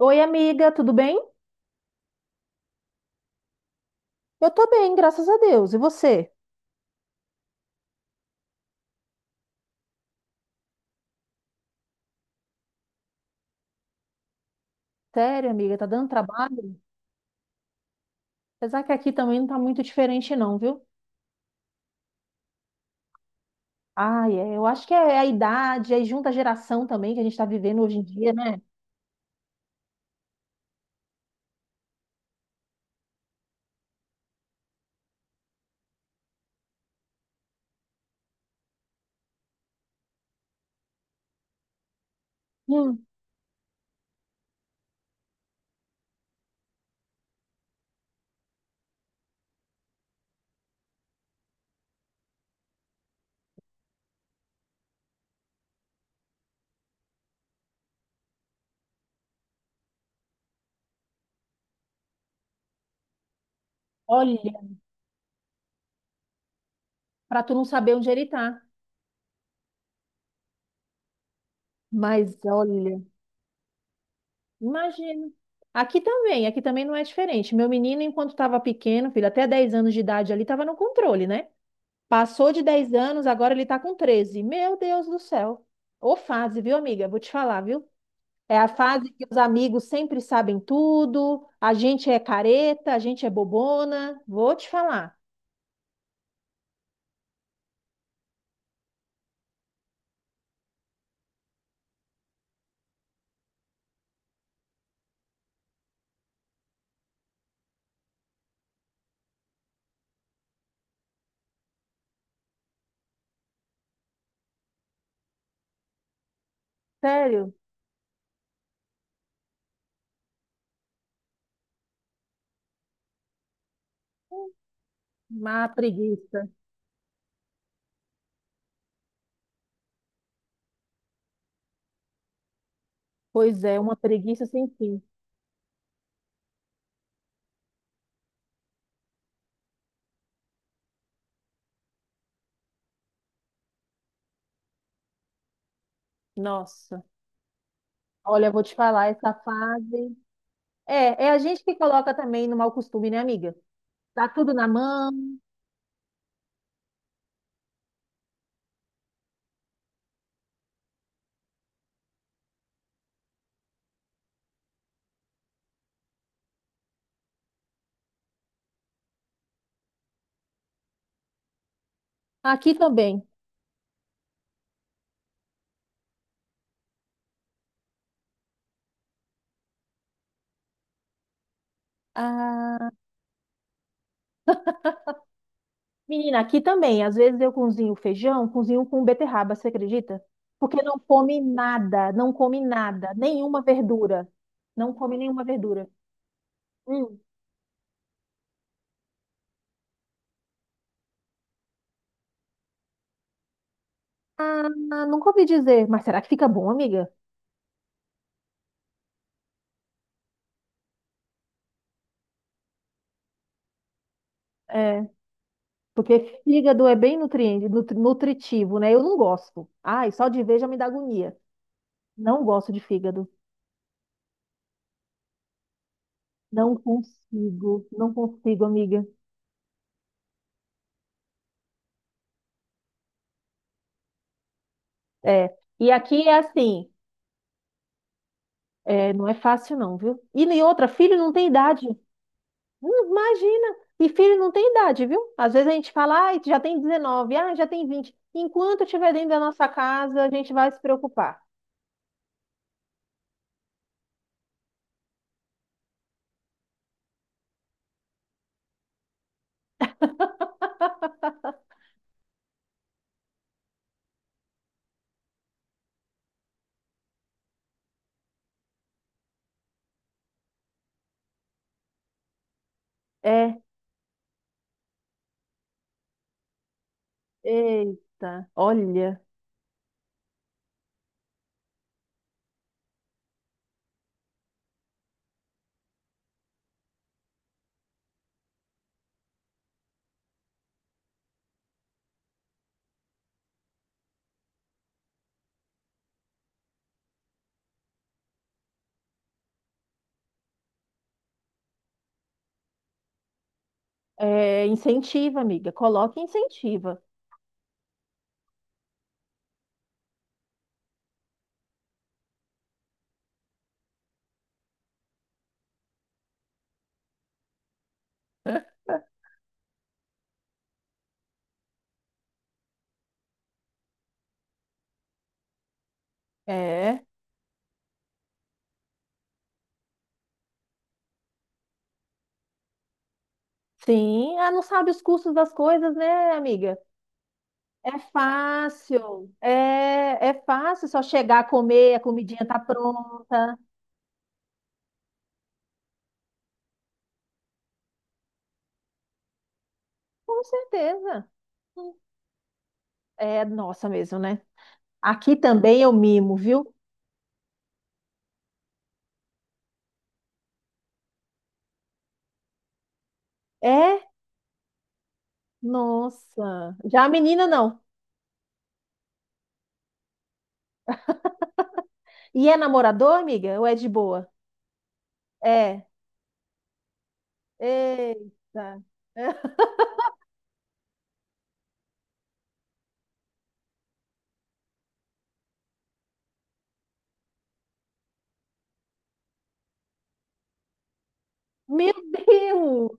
Oi, amiga, tudo bem? Eu tô bem, graças a Deus. E você? Sério, amiga, tá dando trabalho? Apesar que aqui também não tá muito diferente, não, viu? Ai, é, eu acho que é a idade, aí junta a geração também que a gente tá vivendo hoje em dia, né? Hum, olha, pra tu não saber onde ele tá. Mas olha, imagina. Aqui também não é diferente. Meu menino, enquanto estava pequeno, filho, até 10 anos de idade ali, estava no controle, né? Passou de 10 anos, agora ele tá com 13. Meu Deus do céu. Ô fase, viu, amiga? Vou te falar, viu? É a fase que os amigos sempre sabem tudo, a gente é careta, a gente é bobona. Vou te falar, sério, uma preguiça. Pois é, uma preguiça sem fim. Nossa, olha, eu vou te falar, essa fase. É, é a gente que coloca também no mau costume, né, amiga? Tá tudo na mão. Aqui também. Ah, menina, aqui também. Às vezes eu cozinho feijão, cozinho com beterraba, você acredita? Porque não come nada, não come nada, nenhuma verdura. Não come nenhuma verdura. Hum. Ah, nunca ouvi dizer, mas será que fica bom, amiga? É. Porque fígado é bem nutriente, nutritivo, né? Eu não gosto. Ai, só de ver já me dá agonia. Não gosto de fígado. Não consigo, não consigo, amiga. É. E aqui é assim, é, não é fácil não, viu? E nem outra, filho não tem idade. Imagina. E filho não tem idade, viu? Às vezes a gente fala, ai, já tem 19, ah, já tem 20. Enquanto estiver dentro da nossa casa, a gente vai se preocupar. É. Eita, olha, é, incentiva, amiga, coloca e incentiva. É, sim, ah, não sabe os custos das coisas, né, amiga? É fácil, é fácil só chegar comer, a comidinha tá pronta. Com certeza. É, nossa mesmo, né? Aqui também eu mimo, viu? É, nossa. Já a menina não. E é namorador, amiga? Ou é de boa? É. Eita. Meu Deus!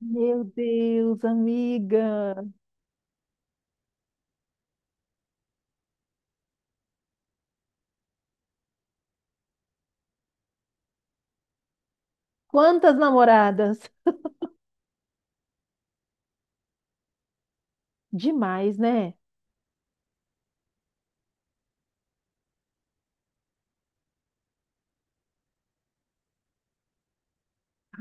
Meu Deus, amiga. Quantas namoradas? Demais, né?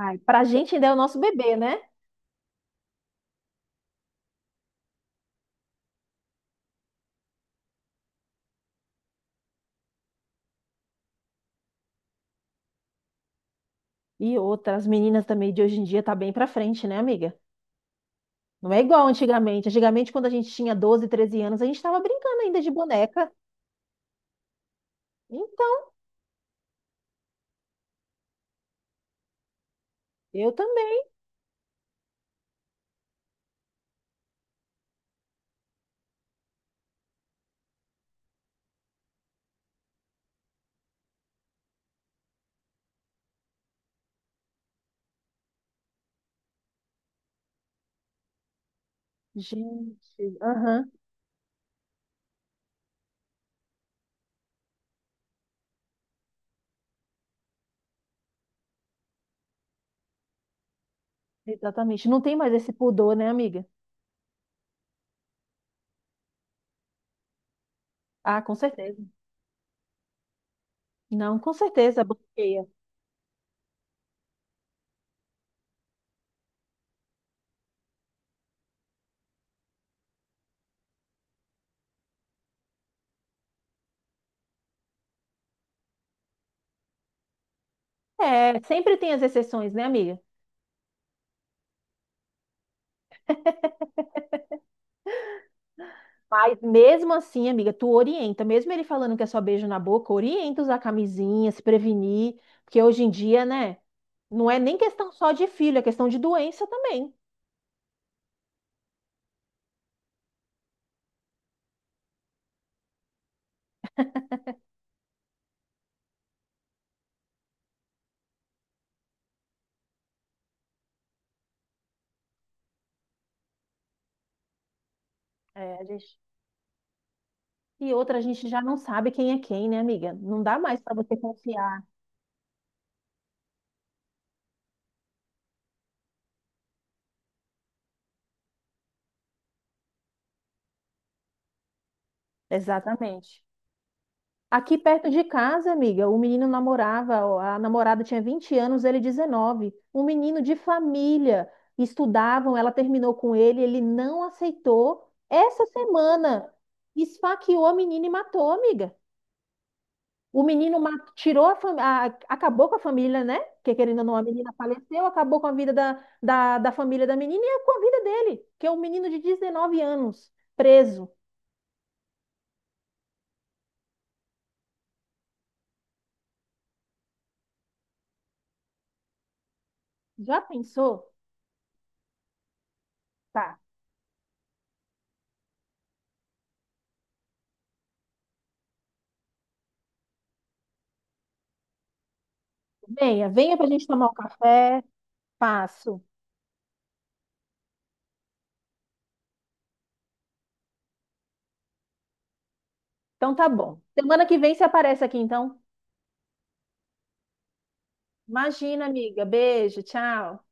Ai, pra gente ainda é o nosso bebê, né? E outras meninas também de hoje em dia tá bem pra frente, né, amiga? Não é igual antigamente. Antigamente, quando a gente tinha 12 13 anos, a gente tava brincando ainda de boneca. Então, eu também. Gente, aham, exatamente. Não tem mais esse pudor, né, amiga? Ah, com certeza. Não, com certeza, bloqueia. É, sempre tem as exceções, né, amiga? Mas mesmo assim, amiga, tu orienta, mesmo ele falando que é só beijo na boca, orienta usar camisinha, se prevenir, porque hoje em dia, né, não é nem questão só de filho, é questão de doença também. É, a gente... E outra, a gente já não sabe quem é quem, né, amiga? Não dá mais pra você confiar. Exatamente. Aqui perto de casa, amiga, o menino namorava, a namorada tinha 20 anos, ele 19. Um menino de família. Estudavam, ela terminou com ele, ele não aceitou. Essa semana, esfaqueou a menina e matou, amiga. O menino tirou a família, acabou com a família, né? Porque querendo ou não, a menina faleceu, acabou com a vida da família da menina e com a vida dele, que é um menino de 19 anos, preso. Já pensou? Tá. Venha, venha pra gente tomar um café. Passo. Então tá bom. Semana que vem você aparece aqui, então. Imagina, amiga. Beijo, tchau.